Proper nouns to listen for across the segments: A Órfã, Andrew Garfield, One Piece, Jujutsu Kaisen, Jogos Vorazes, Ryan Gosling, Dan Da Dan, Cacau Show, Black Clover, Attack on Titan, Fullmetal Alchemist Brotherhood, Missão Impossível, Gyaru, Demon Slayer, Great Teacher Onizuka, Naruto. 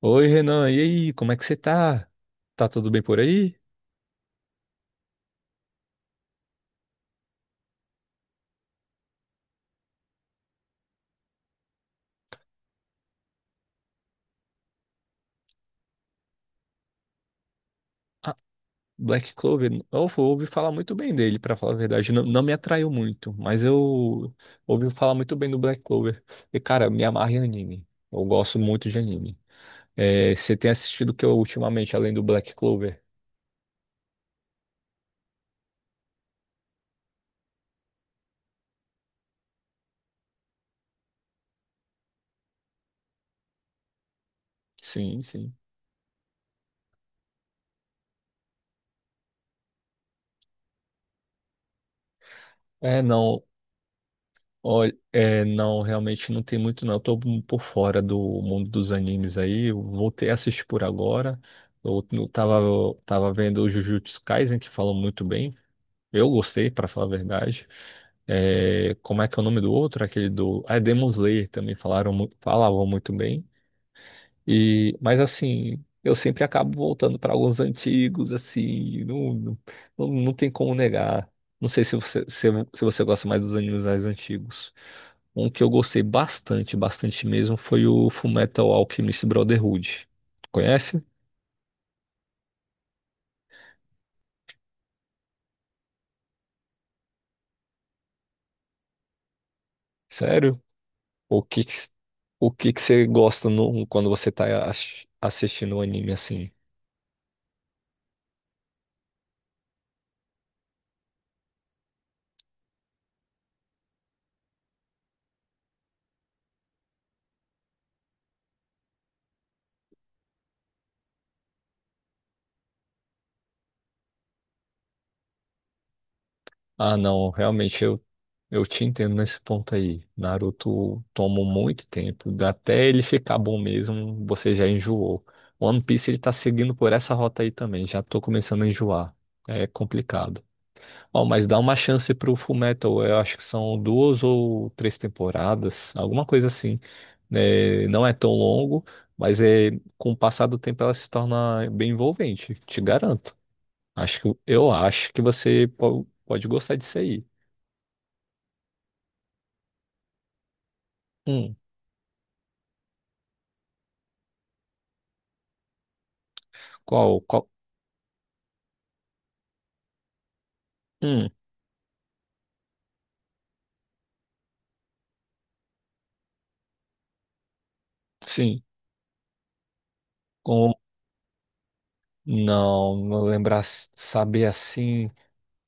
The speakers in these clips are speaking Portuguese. Oi, Renan, e aí, como é que você tá? Tá tudo bem por aí? Ah, Black Clover, eu ouvi falar muito bem dele, pra falar a verdade. Não me atraiu muito, mas eu ouvi falar muito bem do Black Clover. E, cara, me amarra em anime. Eu gosto muito de anime. É, você tem assistido o que eu ultimamente, além do Black Clover? Sim, sim. É, não. Olha, é, não, realmente não tem muito não. Eu tô um por fora do mundo dos animes aí. Eu voltei a assistir por agora. Eu tava vendo o Jujutsu Kaisen, que falam muito bem. Eu gostei, para falar a verdade. É, como é que é o nome do outro? Aquele do... Ah, é Demon Slayer também falaram, falavam muito bem. E, mas assim, eu sempre acabo voltando para alguns antigos, assim, não tem como negar. Não sei se você, se você gosta mais dos animes mais antigos. Um que eu gostei bastante, bastante mesmo, foi o Fullmetal Alchemist Brotherhood. Conhece? Sério? O que que, o que que você gosta quando você tá assistindo o anime assim? Ah, não, realmente eu te entendo nesse ponto aí. Naruto toma muito tempo, até ele ficar bom mesmo, você já enjoou. One Piece ele tá seguindo por essa rota aí também, já tô começando a enjoar. É complicado. Ó, mas dá uma chance pro Fullmetal, eu acho que são duas ou três temporadas, alguma coisa assim. Né? Não é tão longo, mas é, com o passar do tempo ela se torna bem envolvente, te garanto. Acho que você pode gostar disso aí. Hum, qual, qual? Hum, sim. Com, não, não lembrar, saber assim.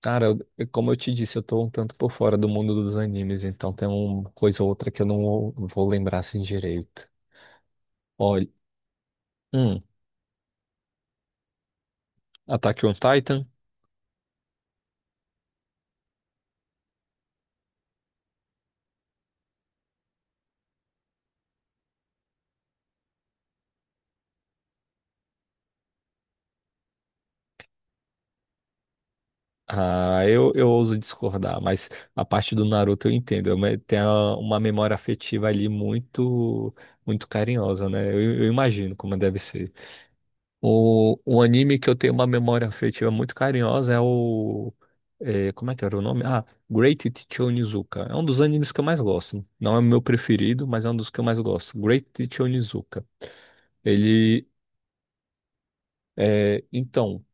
Cara, como eu te disse, eu tô um tanto por fora do mundo dos animes, então tem uma coisa ou outra que eu não vou lembrar assim direito. Olha, hum, Attack on Titan. Ah, eu ouso discordar, mas a parte do Naruto eu entendo. Tem uma memória afetiva ali muito, muito carinhosa, né? Eu imagino como deve ser. O anime que eu tenho uma memória afetiva muito carinhosa é o. É, como é que era o nome? Ah, Great Teacher Onizuka. É um dos animes que eu mais gosto. Não é o meu preferido, mas é um dos que eu mais gosto. Great Teacher Onizuka. Ele. É, então,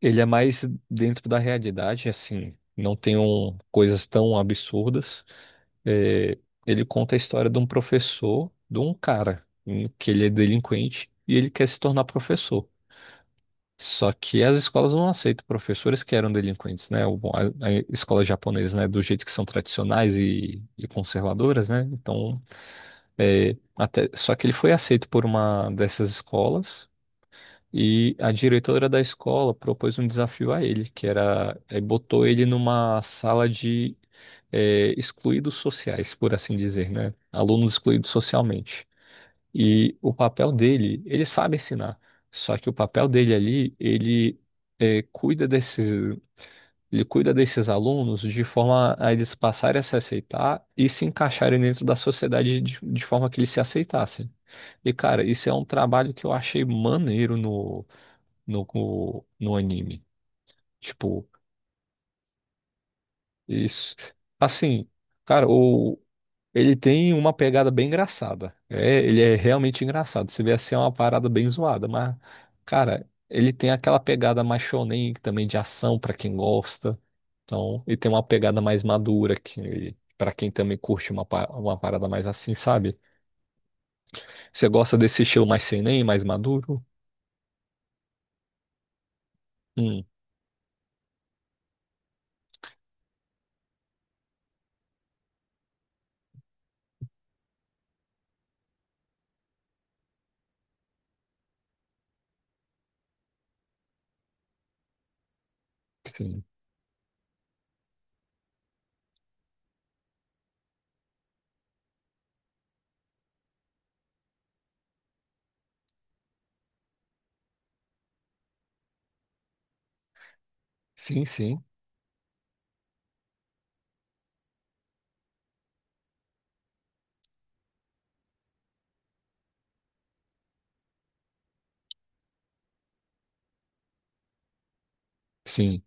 ele é mais dentro da realidade, assim. Não tem coisas tão absurdas. É, ele conta a história de um professor, de um cara, que ele é delinquente e ele quer se tornar professor. Só que as escolas não aceitam professores que eram delinquentes, né? A escola japonesa, né, do jeito que são tradicionais e conservadoras, né? Então, é, até, só que ele foi aceito por uma dessas escolas e a diretora da escola propôs um desafio a ele, que era, é, botou ele numa sala de, é, excluídos sociais, por assim dizer, né? Alunos excluídos socialmente. E o papel dele, ele sabe ensinar. Só que o papel dele ali, ele é, ele cuida desses alunos de forma a eles passarem a se aceitar e se encaixarem dentro da sociedade de forma que eles se aceitassem. E, cara, isso é um trabalho que eu achei maneiro no anime. Tipo, isso. Assim, cara, o. Ele tem uma pegada bem engraçada. É, ele é realmente engraçado. Você vê assim, é uma parada bem zoada, mas, cara, ele tem aquela pegada mais shonen também de ação pra quem gosta. Então, ele tem uma pegada mais madura que para quem também curte uma, uma parada mais assim, sabe? Você gosta desse estilo mais seinen, mais maduro? Hum, sim. Sim, sim. Sim.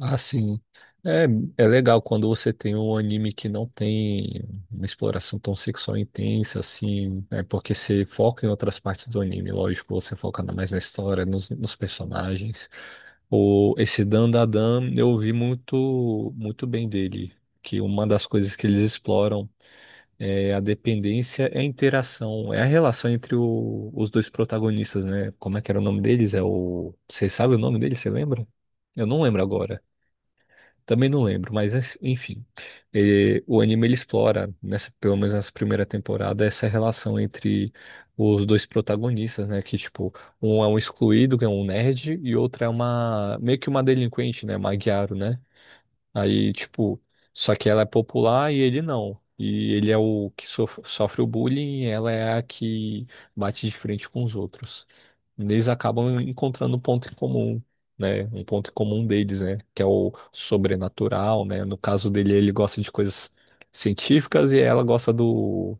Ah, sim. É, é legal quando você tem um anime que não tem uma exploração tão sexual intensa, assim, né? Porque você foca em outras partes do anime, lógico, você foca mais na história, nos, nos personagens. O, esse Dan Da Dan, eu vi muito, muito bem dele, que uma das coisas que eles exploram é a dependência, é a interação, é a relação entre os dois protagonistas, né? Como é que era o nome deles? É o... Você sabe o nome deles? Você lembra? Eu não lembro agora. Também não lembro, mas enfim. Eh, o anime ele explora, nessa, pelo menos nessa primeira temporada, essa relação entre os dois protagonistas, né? Que, tipo, um é um excluído, que é um nerd, e outra é uma, meio que uma delinquente, né? Uma Gyaru, né? Aí, tipo, só que ela é popular e ele não. E ele é o que sofre o bullying e ela é a que bate de frente com os outros. Eles acabam encontrando um ponto em comum, né? Um ponto em comum deles, né? Que é o sobrenatural, né? No caso dele, ele gosta de coisas científicas e ela gosta do,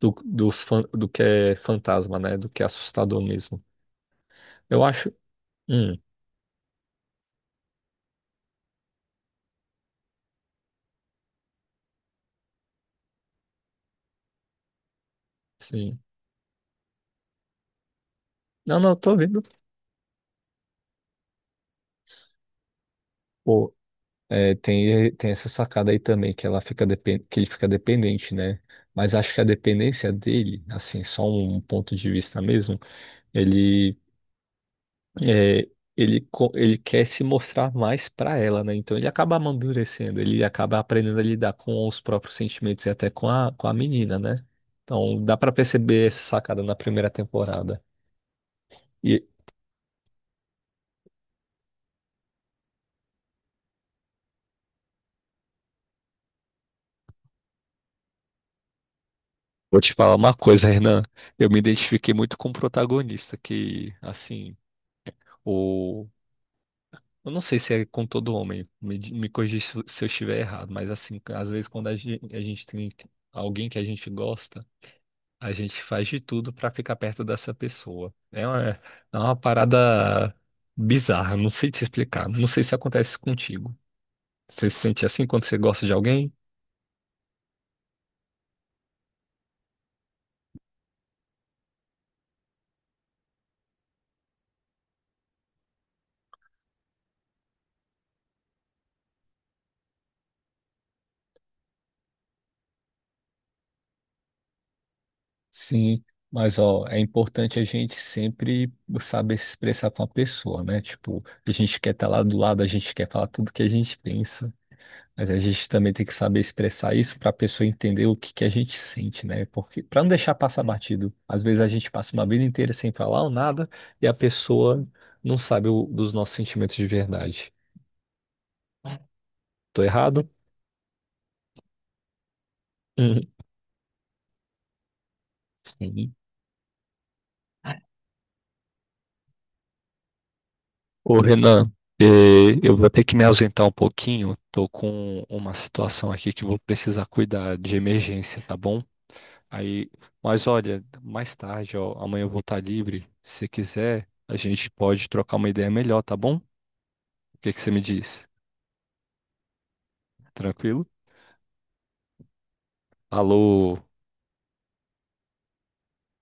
do, dos do que é fantasma, né? Do que é assustador mesmo. Eu acho. Hum, sim. Não, não, tô vendo. É, tem, tem essa sacada aí também, que ela fica que ele fica dependente, né? Mas acho que a dependência dele, assim, só um ponto de vista mesmo, ele, é, ele, ele quer se mostrar mais pra ela, né? Então ele acaba amadurecendo, ele acaba aprendendo a lidar com os próprios sentimentos e até com a menina, né? Então dá pra perceber essa sacada na primeira temporada. E vou te falar uma coisa, Renan, eu me identifiquei muito com o protagonista, que, assim. Eu não sei se é com todo homem, me, me corrija se se eu estiver errado, mas assim, às vezes quando a gente tem alguém que a gente gosta, a gente faz de tudo pra ficar perto dessa pessoa. É uma parada bizarra, não sei te explicar. Não sei se acontece contigo. Você se sente assim quando você gosta de alguém? Sim, mas ó, é importante a gente sempre saber se expressar com a pessoa, né? Tipo, a gente quer estar lá do lado, a gente quer falar tudo que a gente pensa, mas a gente também tem que saber expressar isso para a pessoa entender o que que a gente sente, né? Porque para não deixar passar batido, às vezes a gente passa uma vida inteira sem falar ou nada e a pessoa não sabe dos nossos sentimentos de verdade. Tô errado? Uhum. Sim. Ô Renan, eh, eu vou ter que me ausentar um pouquinho. Tô com uma situação aqui que vou precisar cuidar de emergência, tá bom? Aí, mas olha, mais tarde, ó, amanhã eu vou estar livre. Se quiser, a gente pode trocar uma ideia melhor, tá bom? O que que você me diz? Tranquilo? Alô?